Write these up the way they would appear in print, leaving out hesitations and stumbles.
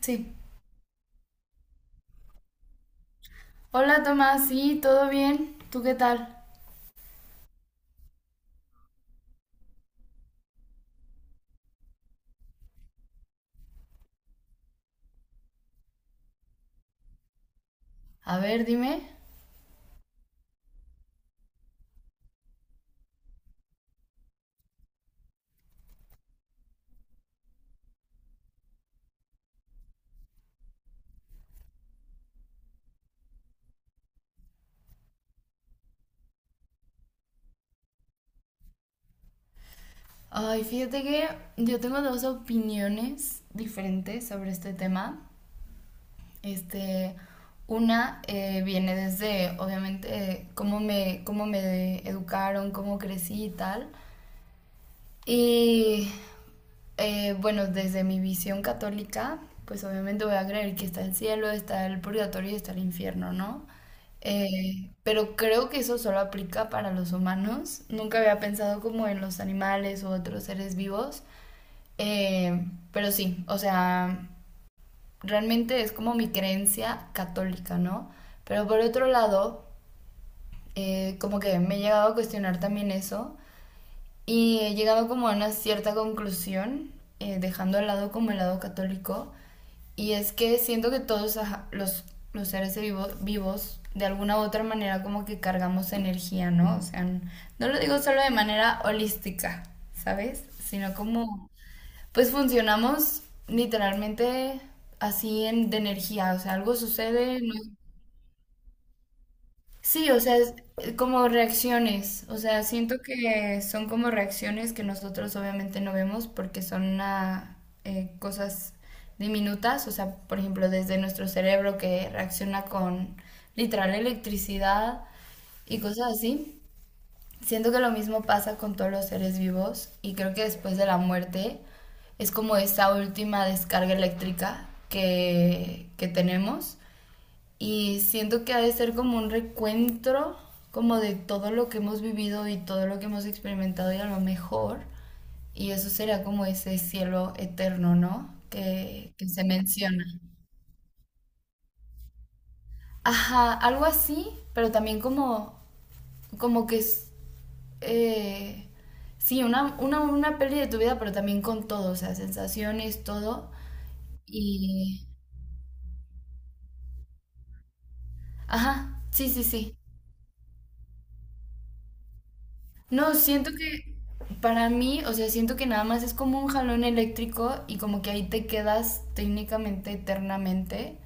Sí. Hola Tomás, sí, ¿todo bien? ¿Tú qué tal? A ver, dime. Ay, fíjate que yo tengo dos opiniones diferentes sobre este tema. Este, una viene desde, obviamente, cómo me educaron, cómo crecí y tal. Y bueno, Desde mi visión católica, pues obviamente voy a creer que está el cielo, está el purgatorio y está el infierno, ¿no? Pero creo que eso solo aplica para los humanos. Nunca había pensado como en los animales u otros seres vivos. Eh, pero sí, o sea, realmente es como mi creencia católica, ¿no? Pero por otro lado, como que me he llegado a cuestionar también eso y he llegado como a una cierta conclusión, dejando al lado como el lado católico, y es que siento que todos los, los seres vivos vivos, de alguna u otra manera, como que cargamos energía, ¿no? O sea, no lo digo solo de manera holística, ¿sabes? Sino como, pues funcionamos literalmente así en, de energía, o sea, algo sucede, no. Sí, o sea, es como reacciones, o sea, siento que son como reacciones que nosotros obviamente no vemos porque son cosas diminutas, o sea, por ejemplo, desde nuestro cerebro que reacciona con literal electricidad y cosas así. Siento que lo mismo pasa con todos los seres vivos y creo que después de la muerte es como esa última descarga eléctrica que tenemos y siento que ha de ser como un recuento como de todo lo que hemos vivido y todo lo que hemos experimentado y a lo mejor. Y eso sería como ese cielo eterno, ¿no? Que se menciona. Ajá, algo así, pero también como, como que es, eh, sí, una peli de tu vida, pero también con todo, o sea, sensaciones, todo. Y, ajá, sí. No, siento que para mí, o sea, siento que nada más es como un jalón eléctrico y como que ahí te quedas técnicamente eternamente,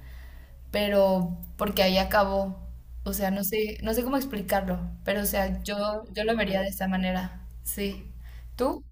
pero porque ahí acabó. O sea, no sé cómo explicarlo, pero o sea, yo lo vería de esa manera. Sí. ¿Tú?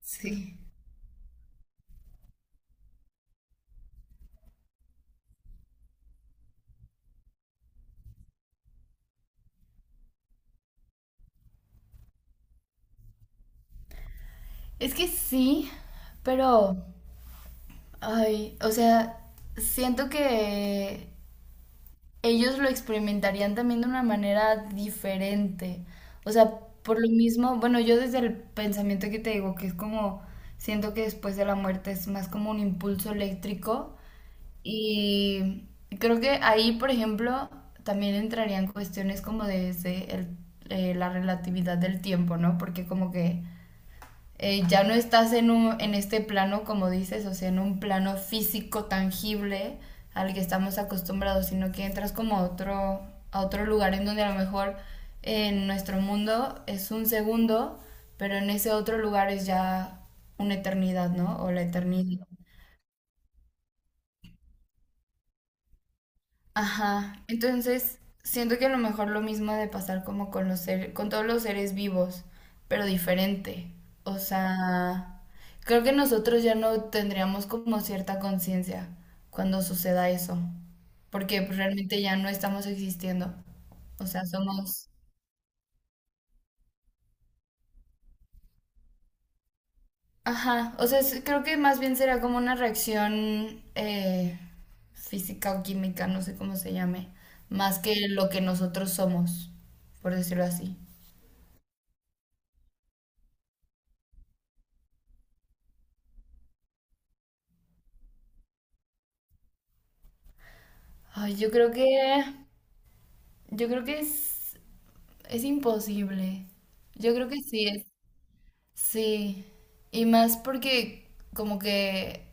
Sí. Es que sí, pero, ay, o sea, siento que ellos lo experimentarían también de una manera diferente. O sea, por lo mismo, bueno, yo desde el pensamiento que te digo, que es como, siento que después de la muerte es más como un impulso eléctrico y creo que ahí, por ejemplo, también entrarían cuestiones como la relatividad del tiempo, ¿no? Porque como que ya no estás en este plano, como dices, o sea, en un plano físico tangible al que estamos acostumbrados, sino que entras como a otro lugar en donde a lo mejor en nuestro mundo es un segundo, pero en ese otro lugar es ya una eternidad, ¿no? O la eternidad. Ajá. Entonces, siento que a lo mejor lo mismo ha de pasar como con con todos los seres vivos, pero diferente. O sea, creo que nosotros ya no tendríamos como cierta conciencia cuando suceda eso, porque pues, realmente ya no estamos existiendo. O sea, somos... Ajá, o sea, creo que más bien será como una reacción física o química, no sé cómo se llame, más que lo que nosotros somos, por decirlo así. Ay, yo creo que es imposible. Yo creo que sí es. Sí. Y más porque como que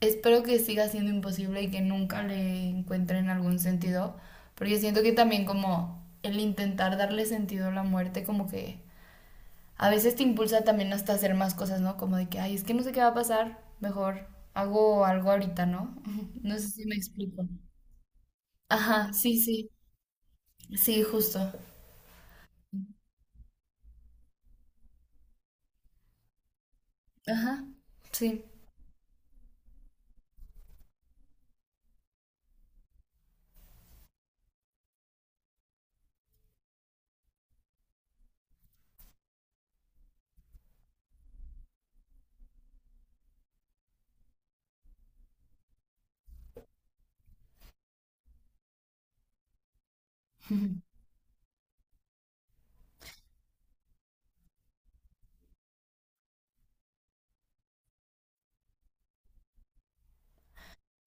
espero que siga siendo imposible y que nunca le encuentren algún sentido. Porque siento que también como el intentar darle sentido a la muerte como que a veces te impulsa también hasta hacer más cosas, ¿no? Como de que, ay, es que no sé qué va a pasar. Mejor hago algo ahorita, ¿no? No sé si me explico. Ajá, sí, sí. Sí, justo. Ajá, sí.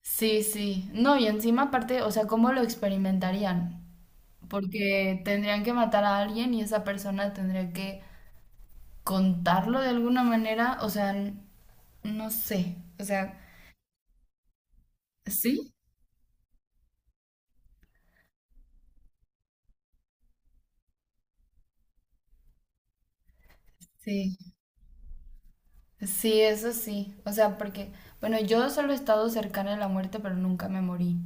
Sí, sí. No, y encima aparte, o sea, ¿cómo lo experimentarían? Porque tendrían que matar a alguien y esa persona tendría que contarlo de alguna manera. O sea, no sé. O sea, ¿sí? Sí. Sí, eso sí. O sea, porque, bueno, yo solo he estado cercana a la muerte, pero nunca me morí.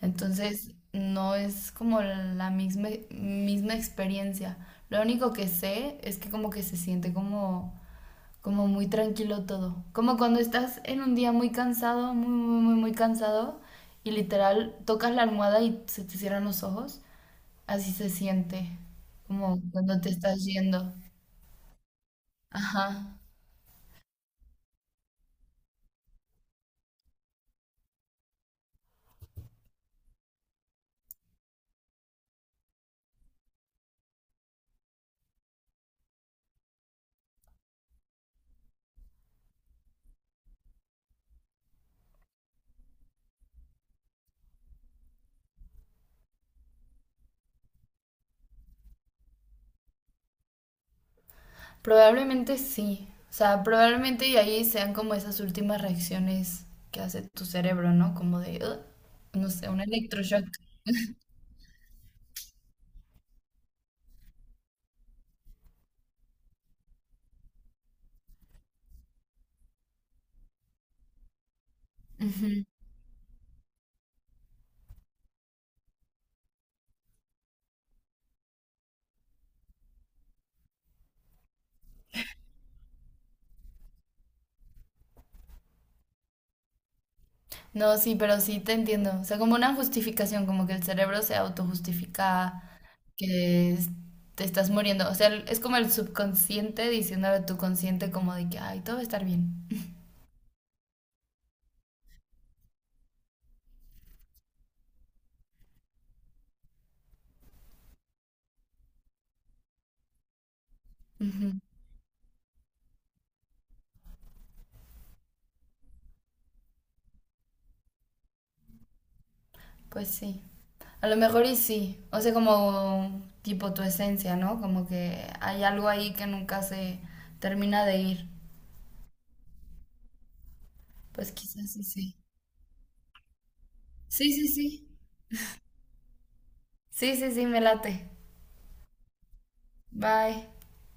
Entonces, no es como la misma experiencia. Lo único que sé es que como que se siente como muy tranquilo todo. Como cuando estás en un día muy cansado, muy cansado, y literal tocas la almohada y se te cierran los ojos, así se siente, como cuando te estás yendo. Ajá. Probablemente sí. O sea, probablemente y ahí sean como esas últimas reacciones que hace tu cerebro, ¿no? Como de, "Ugh", no sé, un electroshock. Ujú. No, sí, pero sí te entiendo. O sea, como una justificación, como que el cerebro se autojustifica que es- te estás muriendo. O sea, es como el subconsciente diciéndole a tu consciente como de que, ay, todo va a estar bien. Ujú. Pues sí. A lo mejor y sí. O sea, como tipo tu esencia, ¿no? Como que hay algo ahí que nunca se termina de ir. Pues quizás sí, sí. Sí, sí, sí. Sí, sí, sí, me late. Bye.